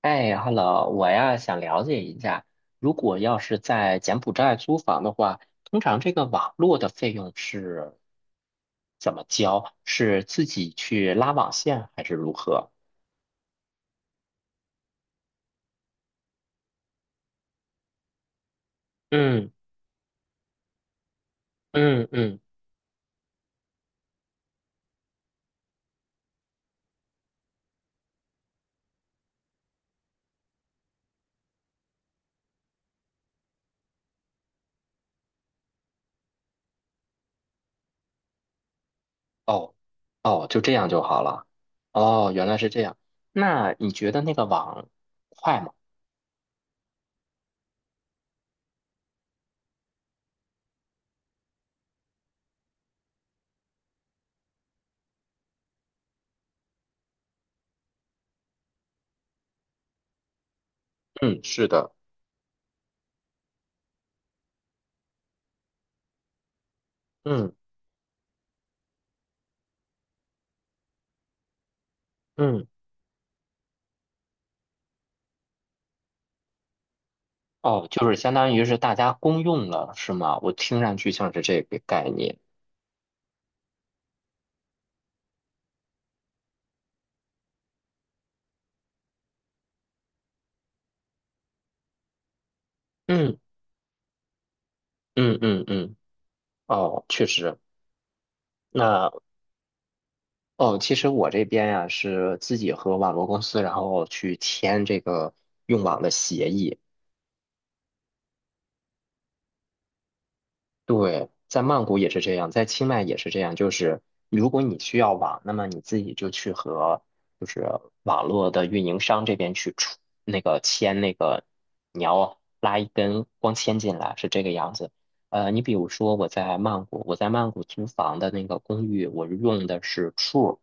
哎，Hello，我呀想了解一下，如果要是在柬埔寨租房的话，通常这个网络的费用是怎么交？是自己去拉网线还是如何？嗯嗯嗯，哦哦，就这样就好了。哦，原来是这样。那你觉得那个网快吗？嗯，是的。嗯嗯，哦，就是相当于是大家公用了，是吗？我听上去像是这个概念。嗯嗯嗯嗯，哦，确实。那哦，其实我这边呀，是自己和网络公司，然后去签这个用网的协议。对，在曼谷也是这样，在清迈也是这样。就是如果你需要网，那么你自己就去和就是网络的运营商这边去出那个签那个，你要拉一根光纤进来，是这个样子。你比如说我在曼谷租房的那个公寓，我用的是 True，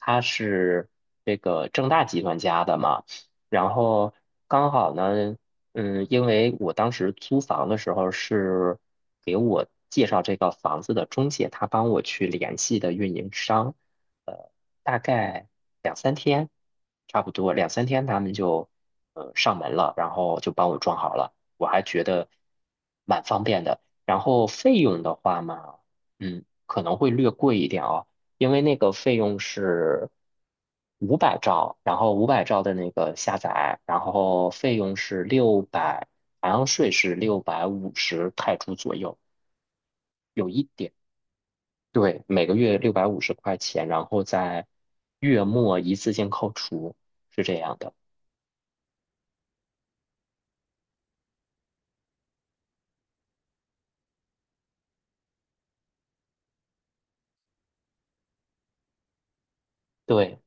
它是这个正大集团家的嘛。然后刚好呢。因为我当时租房的时候是给我介绍这个房子的中介，他帮我去联系的运营商，呃，大概两三天，差不多两三天他们就上门了，然后就帮我装好了，我还觉得蛮方便的。然后费用的话嘛，可能会略贵一点哦，因为那个费用是五百兆，然后五百兆的那个下载，然后费用是六百，好像税是650泰铢左右，有一点，对，每个月650块钱，然后在月末一次性扣除，是这样的。对。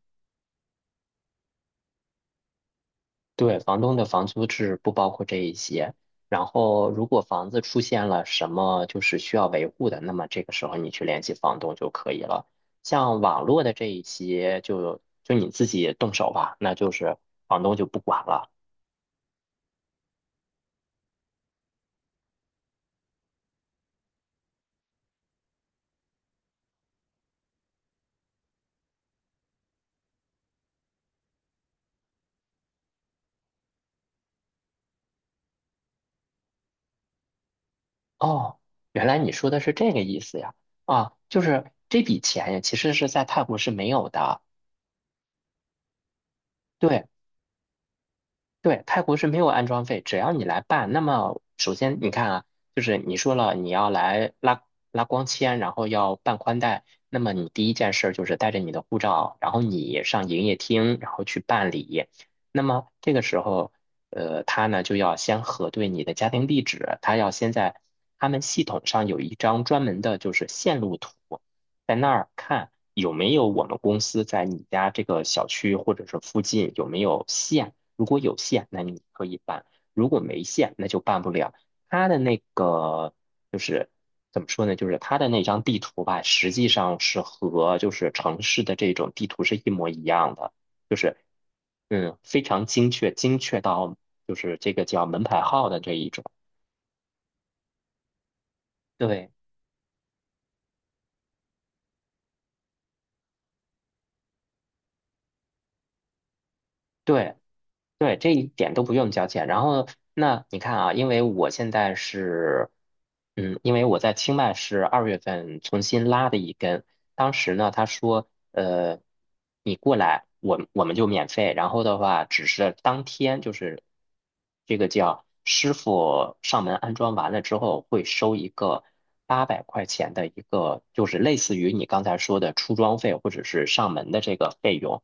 对，房东的房租是不包括这一些。然后，如果房子出现了什么就是需要维护的，那么这个时候你去联系房东就可以了。像网络的这一些，就你自己动手吧，那就是房东就不管了。哦，原来你说的是这个意思呀！啊，就是这笔钱呀，其实是在泰国是没有的。对，对，泰国是没有安装费，只要你来办，那么首先你看啊，就是你说了你要来拉光纤，然后要办宽带，那么你第一件事儿就是带着你的护照，然后你上营业厅，然后去办理。那么这个时候，他呢就要先核对你的家庭地址，他要先在他们系统上有一张专门的就是线路图，在那儿看有没有我们公司在你家这个小区或者是附近有没有线。如果有线，那你可以办；如果没线，那就办不了。他的那个怎么说呢？就是他的那张地图吧，实际上是和就是城市的这种地图是一模一样的，就是非常精确，精确到就是这个叫门牌号的这一种。对对。对，这一点都不用交钱。然后，那你看啊，因为我现在是，因为我在清迈是2月份重新拉的一根，当时呢，他说，你过来，我们就免费。然后的话，只是当天就是这个叫师傅上门安装完了之后，会收一个800块钱的一个，就是类似于你刚才说的出装费或者是上门的这个费用。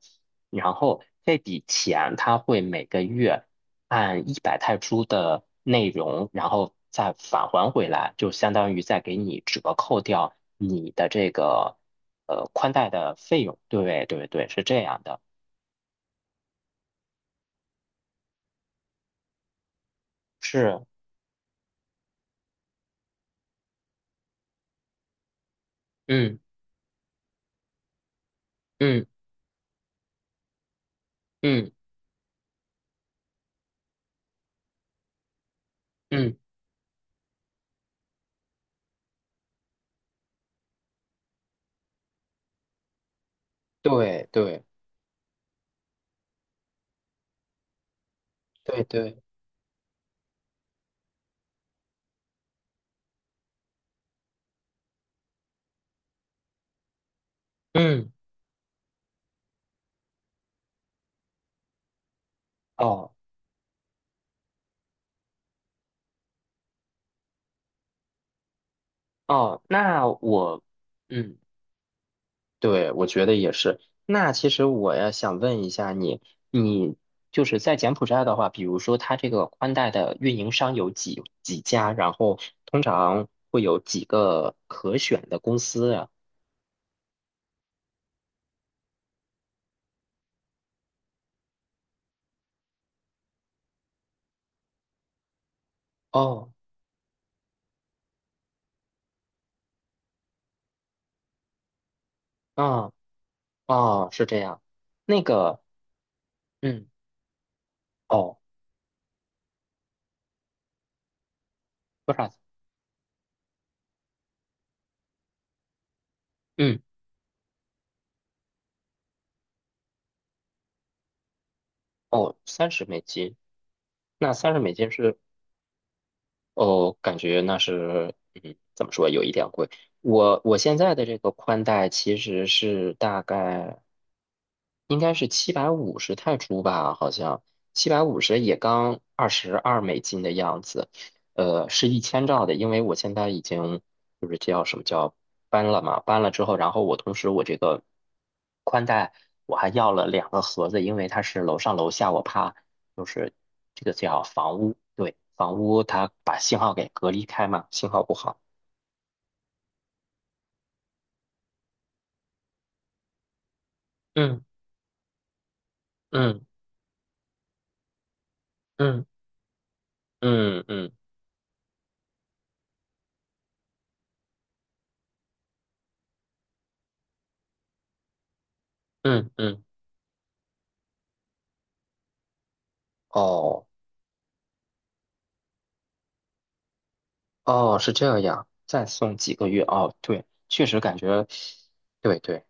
然后这笔钱他会每个月按100泰铢的内容，然后再返还回来，就相当于再给你折扣掉你的这个宽带的费用。对对对，是这样的，是，嗯嗯嗯嗯，对对对对，嗯，哦哦，那我。嗯。对，我觉得也是。那其实我也想问一下你，你就是在柬埔寨的话，比如说它这个宽带的运营商有几家，然后通常会有几个可选的公司呀？哦，啊，哦，是这样。那个，嗯，哦，多少？嗯，哦，三十美金。那三十美金是哦，感觉那是，怎么说，有一点贵。我现在的这个宽带其实是大概应该是750泰铢吧，好像七百五十也刚22美金的样子，是1000兆的，因为我现在已经就是叫什么叫搬了嘛，搬了之后，然后我同时我这个宽带我还要了两个盒子，因为它是楼上楼下，我怕就是这个叫房屋，对，房屋它把信号给隔离开嘛，信号不好。嗯嗯嗯嗯嗯嗯嗯，哦哦，是这样，再送几个月哦，对，确实感觉，对对。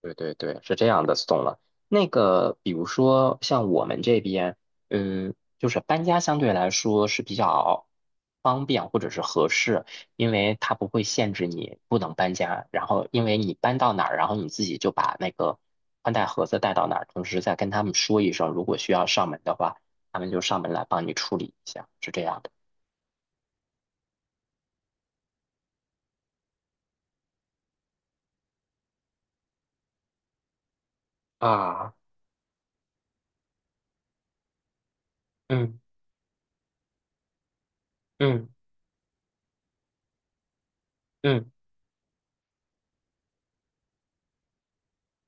对对对，是这样的 s t 了。那个，比如说像我们这边，就是搬家相对来说是比较方便或者是合适，因为它不会限制你不能搬家，然后因为你搬到哪儿，然后你自己就把那个宽带盒子带到哪儿，同时再跟他们说一声，如果需要上门的话，他们就上门来帮你处理一下，是这样的。啊，嗯嗯嗯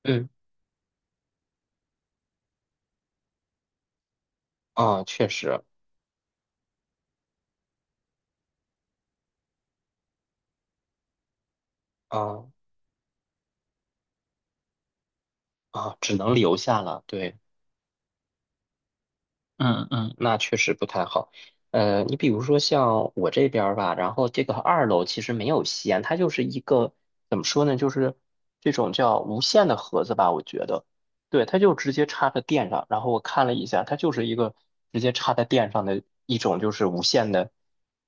嗯，啊，确实，啊啊，只能留下了，对。嗯嗯那确实不太好。你比如说像我这边儿吧，然后这个二楼其实没有吸烟，它就是一个怎么说呢，就是这种叫无线的盒子吧，我觉得，对，它就直接插在电上。然后我看了一下，它就是一个直接插在电上的一种，就是无线的，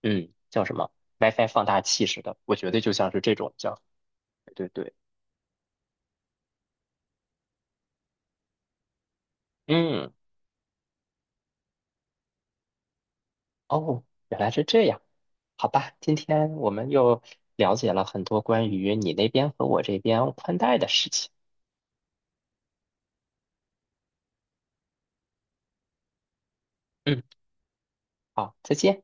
叫什么 WiFi 放大器似的，我觉得就像是这种叫，对对对，哦，原来是这样。好吧，今天我们又了解了很多关于你那边和我这边宽带的事情。嗯，好，再见。